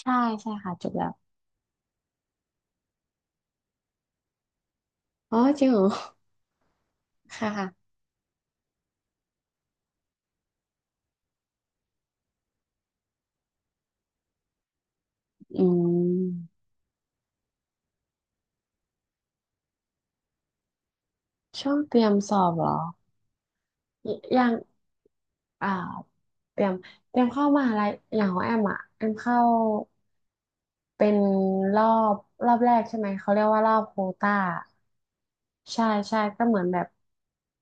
ใช่ใช่ค่ะจบแล้วอ๋อจริงเหรอค่ะค่ะอืมช่วงเตรียมสอบเหรอยังอ่าเตรียมเตรียมเข้ามหาลัยอย่างของแอมอ่ะแอมเข้า เป็นรอบรอบแรกใช่ไหมเขาเรียกว่ารอบโควต้าใช่ใช่ก็เหมือนแบบ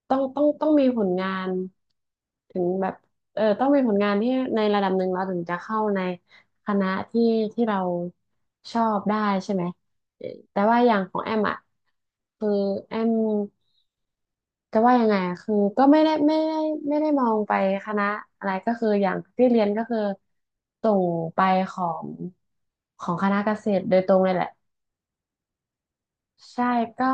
ต้องมีผลงานถึงแบบเออต้องมีผลงานที่ในระดับหนึ่งเราถึงจะเข้าในคณะที่ที่เราชอบได้ใช่ไหมเออแต่ว่าอย่างของแอมอ่ะคือแอม จะว่ายังไงอะคือก็ไม่ได้มองไปคณะอะไรก็คืออย่างที่เรียนก็คือส่งไปของของคณะเกษตรโดยตรงเลยแหละใช่ก็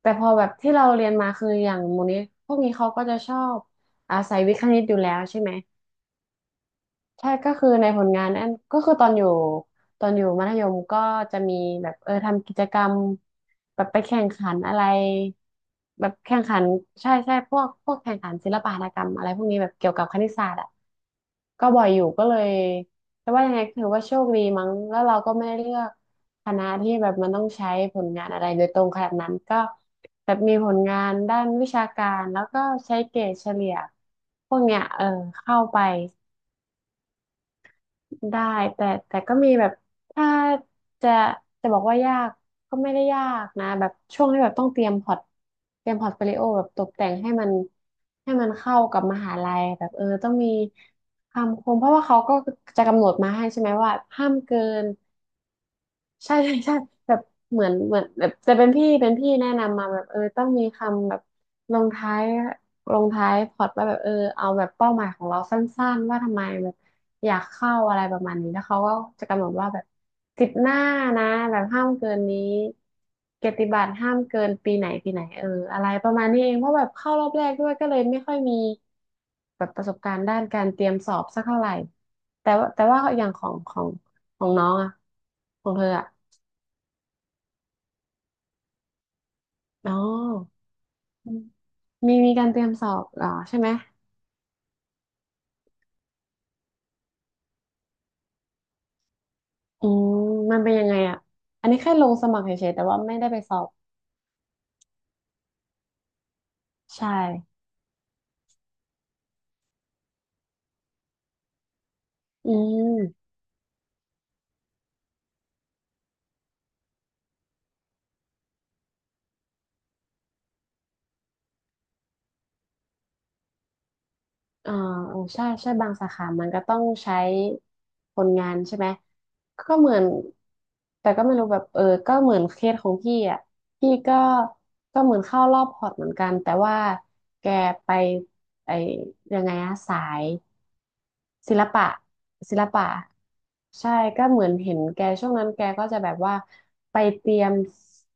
แต่พอแบบที่เราเรียนมาคืออย่างมูลนี้พวกนี้เขาก็จะชอบอาศัยวิทย์คณิตอยู่แล้วใช่ไหม ใช่ก็คือในผลงานนั่นก็คือตอนอยู่มัธยมก็จะมีแบบเออทำกิจกรรมแบบไปแข่งขันอะไรแบบแข่งขันใช่ใช่พวกแข่งขันศิลปหัตถกรรมอะไรพวกนี้แบบเกี่ยวกับคณิตศาสตร์อ่ะก็บ่อยอยู่ก็เลยแต่ว่ายังไงถือว่าโชคดีมั้งแล้วเราก็ไม่ได้เลือกคณะที่แบบมันต้องใช้ผลงานอะไรโดยตรงขนาดนั้นก็แบบมีผลงานด้านวิชาการแล้วก็ใช้เกรดเฉลี่ยพวกเนี้ยเออเข้าไป ได้แต่ก็มีแบบถ้าจะจะบอกว่ายากก็ไม่ได้ยากนะแบบช่วงที่แบบต้องเตรียมพอร์ตเตรียมพอร์ตโฟลิโอแบบตกแต่งให้มันให้มันเข้ากับมหาลัยแบบเออต้องมีคำคมเพราะว่าเขาก็จะกำหนดมาให้ใช่ไหมว่าห้ามเกิน ใช่ใช่ใช่แบบเหมือนแบบแต่เป็นพี่เป็นพี่แนะนำมาแบบเออต้องมีคำแบบลงท้ายลงท้ายพอรอตว่าแบบเออเอาแบบเป้าหมายของเราสั้นๆว่าทำไมแบบอยากเข้าอะไรประมาณนี้แล้วเขาก็จะกำหนดว่าแบบสิบหน้านะแบบห้ามเกินนี้เกียรติบัตรห้ามเกินปีไหนปีไหนเอออะไรประมาณนี้เองเพราะแบบเข้ารอบแรกด้วยก็เลยไม่ค่อยมีแบบประสบการณ์ด้านการเตรียมสอบสักเท่าไหร่แต่ว่าอย่างของน้องอะของเธออะ อ๋อมีการเตรียมสอบเหรอใช่ไหมอืมมันเป็นยังไงอ่ะอันนี้แค่ลงสมัครเฉยๆแต่ว่าไม่ได้ไปสอบใช่อืมอ่าเออใช่ใช่บางสาขามันก็ต้องใช้คนงานใช่ไหมก็เหมือนแต่ก็ไม่รู้แบบเออก็เหมือนเคสของพี่อ่ะพี่ก็ก็เหมือนเข้ารอบพอร์ตเหมือนกันแต่ว่าแกไปไอยังไงอะสาย ศิลปะศิลปะใช่ก็เหมือนเห็นแกช่วงนั้นแกก็จะแบบว่าไปเตรียม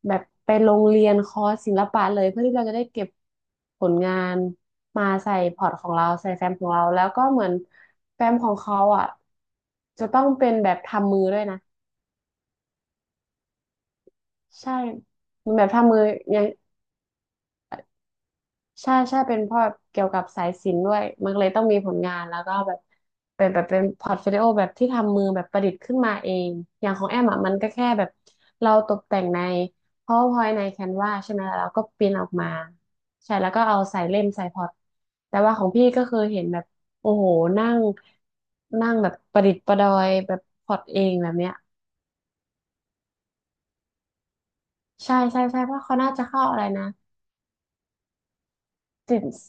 แบบไปโรงเรียนคอร์สศิลปะเลยเพื่อที่เราจะได้เก็บผลงานมาใส่พอร์ตของเราใส่แฟ้มของเราแล้วก็เหมือนแฟ้มของเขาอ่ะจะต้องเป็นแบบทำมือด้วยนะใช่มันแบบทำมืออยัง ใช่ใช่เป็นเพ่อเกี่ยวกับสายศิลป์ด้วยมันก็เลยต้องมีผลงานแล้วก็แบบเป็นแบบเป็นพอร์ตโฟลิโอแบบที่ทำมือแบบประดิษฐ์ขึ้นมาเองอย่างของแอมอ่ะมันก็แค่แบบเราตกแต่งใน PowerPoint ใน Canva ใช่ไหมแล้วเราก็ปริ้นออกมาใช่แล้วก็เอาใส่เล่มใส่พอร์ตแต่ว่าของพี่ก็คือเห็นแบบโอ้โหนั่งนั่งแบบประดิษฐ์ประดอยแบบพอร์ตเองแบบเนี้ยใช่ใช่ใช่เพราะเขาน่าจะเข้าอะไรนะ ศิลป์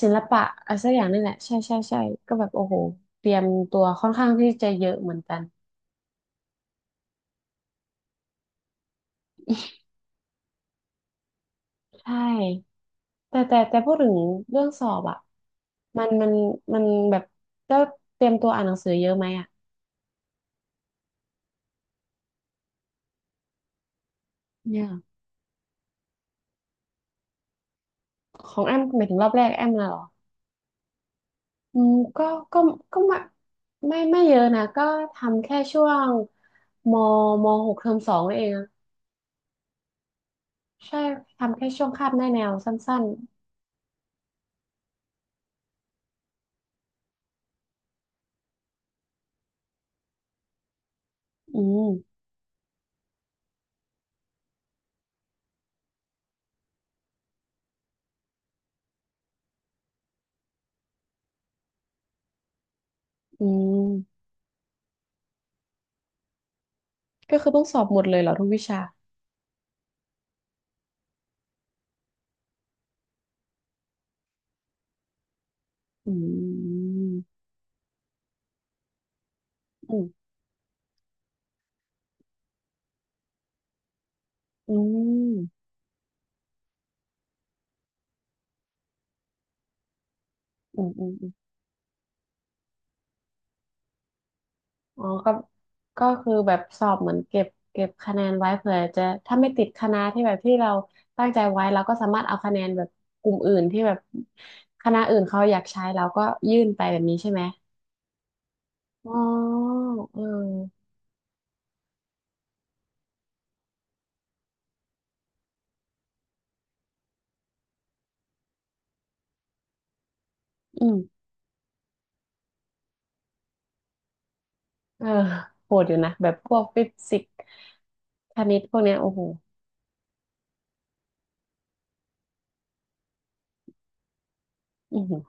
ศิลปะอะไรสักอย่างนี่แหละใช่ใช่ใช่ก็แบบโอ้โหเตรียมตัวค่อนข้างที่จะเยอะเหมือนกันใช่แต่พูดถึงเรื่องสอบอะมันมันมันแบบก็เตรียมตัวอ่านหนังสือเยอะไหมอะเนี่ยของแอมหมายถึงรอบแรกแอมนะเหรออืมก็ก็ไม่เยอะนะก็ทำแค่ช่วงมมหกเทอมสองนั่นเองอะใช่ทำแค่ช่วงคาบหน้าแนวสั้นๆอืมอืม ก็คือต้องสอบหมดเลยเหรอทุกวิชาอืมอืมอืมอืมอืมอมอ๋อก็คือแบบสอบเหมือนเก็บคะแนนไว้เผื่อจะถ้าไม่ติดคณะที่แบบที่เราตั้งใจไว้เราก็สามารถเอาคะแนนแบบกลุ่มอื่นที่แบบคณะอื่นเขาอยากใช้เราก็ยื่นไปแบบนี้ใช่ไหมอ๋อเอออืมเออโหดอยู่นะแบบพวกฟิสิกส์คณิตพวกเนี้ยโอ้โหอือหือ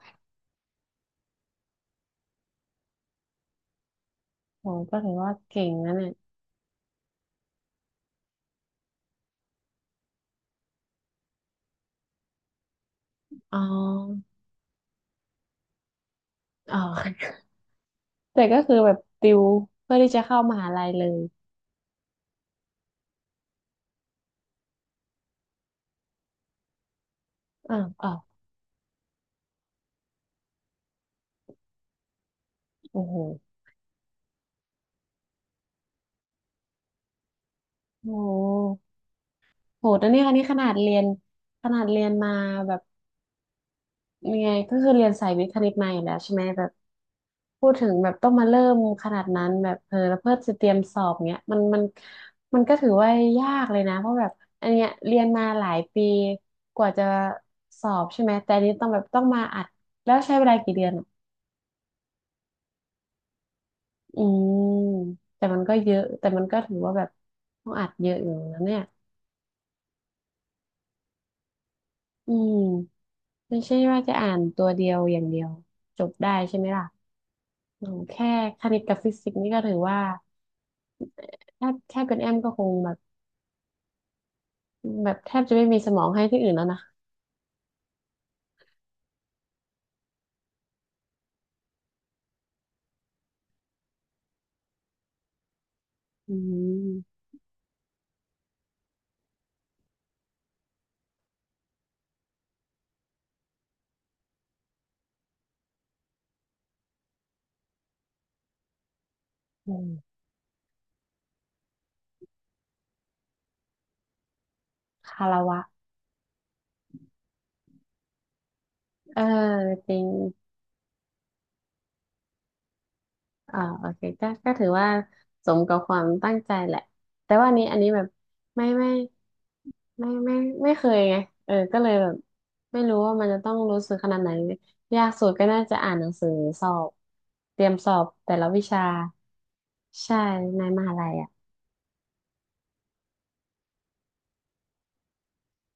โหก็ถือว่าเก่งนะเนี่ยอ๋ออ๋อ แต่ก็คือแบบติวเพื่อที่จะเข้ามหาลัยเลยอ้าวอ้าวโอ้โหโอ้โหโหดนะเนี่ยอันนี้ขนาดเรียนมาแบบยังไงก็คือเรียนสายวิทย์คณิตมาอยู่แล้วใช่ไหมแบบพูดถึงแบบต้องมาเริ่มขนาดนั้นแบบเออแล้วเพื่อจะเตรียมสอบเนี้ยมันมันก็ถือว่ายากเลยนะเพราะแบบอันเนี้ยเรียนมาหลายปีกว่าจะสอบใช่ไหมแต่อันนี้ต้องแบบต้องมาอัดแล้วใช้เวลากี่เดือน อืมแต่มันก็เยอะแต่มันก็ถือว่าแบบต้องอัดเยอะอยู่นะเนี่ยอืมไม่ใช่ว่าจะอ่านตัวเดียวอย่างเดียวจบได้ใช่ไหมล่ะโอ้แค่คณิตกับฟิสิกส์นี่ก็ถือว่าแทบเป็นแอมก็คงแบบแบบแทบจะไม่มีสมองให้ที่อื่นแล้วนะอืมอืมคารวะเออจริงเอ่าโอเคก็ก็ถือว่าสมกับความตั้งใจแหละแต่ว่าอันนี้อันนี้แบบไม่ ไม่ไม่เคยไงเออก็เลยแบบไม่รู้ว่ามันจะต้องรู้สึกขนาดไหนยากสุดก็น่าจะอ่านหนังสือสอบเตรียมสอบแต่ละวิชาใช่ในมหาลัยอ่ะ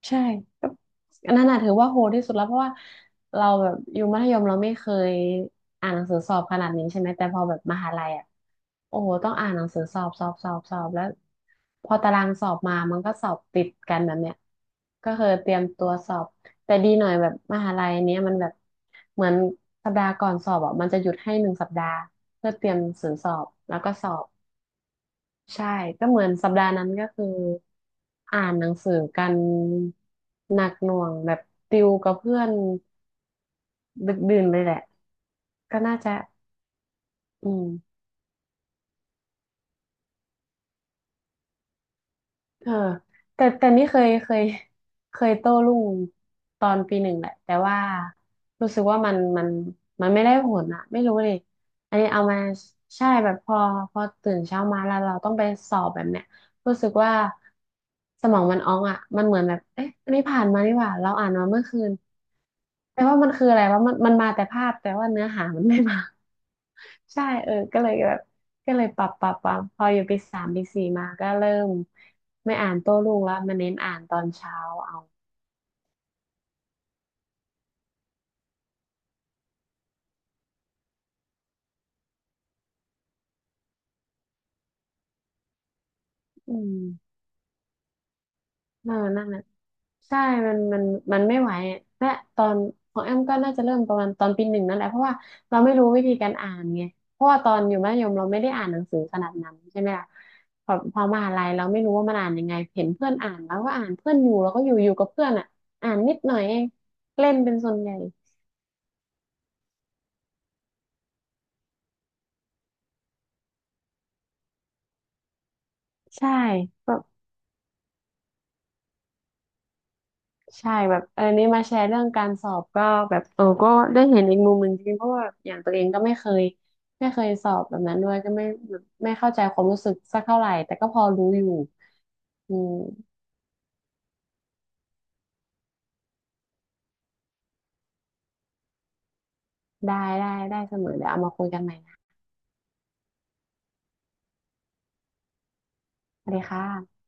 ใช่ อันนั้นน่ะถือว่าโหดที่สุดแล้วเพราะว่าเราแบบอยู่มัธยมเราไม่เคยอ่านหนังสือสอบขนาดนี้ใช่ไหมแต่พอแบบมหาลัยอ่ะโอ้โหต้องอ่านหนังสือสอบสอบสอบสอบแล้วพอตารางสอบมามันก็สอบติดกันแบบเนี้ยก็คือเตรียมตัวสอบแต่ดีหน่อยแบบมหาลัยเนี้ยมันแบบเหมือนสัปดาห์ก่อนสอบอ่ะมันจะหยุดให้หนึ่งสัปดาห์เพื่อเตรียมหนังสือสอบแล้วก็สอบ ใช่ก็เหมือนสัปดาห์นั้นก็คืออ่านหนังสือกันหนักหน่วงแบบติวกับเพื่อนดึกดื่นเลยแหละก็น่าจะอืมเออแต่นี่เคยโต้รุ่งตอนปีหนึ่งแหละแต่ว่ารู้สึกว่ามันมันไม่ได้ผลอะไม่รู้เลยอันนี้เอามาใช่แบบพอตื่นเช้ามาแล้วเราต้องไปสอบแบบเนี้ยรู้สึกว่าสมองมันอ้องอ่ะมันเหมือนแบบเอ๊ะอันนี้ผ่านมานี่หว่าเราอ่านมาเมื่อคืน แต่ว่ามันคืออะไรว่ามันมาแต่ภาพแต่ว่าเนื้อหามันไม่มา ใช่เออก็เลยแบบก็เลยปรับพออยู่ปีสามปีสี่มาก็เริ่มไม่อ่านโต้รุ่งแล้วมาเน้นอ่านตอนเช้าเอาอืม เออนั่นน่ะใช่มันมันไม่ไหวอะและตอนของแอมก็น่าจะเริ่มประมาณตอนปีหนึ่งนั่นแหละเพราะว่าเราไม่รู้วิธีการอ่านไงเพราะว่าตอนอยู่มัธยมเราไม่ได้อ่านหนังสือขนาดนั้นใช่ไหมล่ะพอมหาลัยเราไม่รู้ว่ามันอ่านยังไงเห็นเพื่อนอ่านแล้วก็อ่านเพื่อนอยู่แล้วก็อยู่กับเพื่อนอ่ะอ่านนิดหน่อยเองเล่นเป็นส่วนใหญ่ใช่ ใช่แบบเออนี่มาแชร์เรื่องการสอบก็แบบเออก็ได้เห็นอีกมุมหนึ่งจริงๆเพราะว่าอย่างตัวเองก็ไม่เคยไม่เคยสอบแบบนั้นด้วยก็ไม่แบบไม่เข้าใจความรู้สึกสักเท่าไหร่แต่ก็พอรู้อยู่อืมได้ได้ได้เสมอเดี๋ยวเอามาคุยกันใหม่นะสวัสดีค่ะ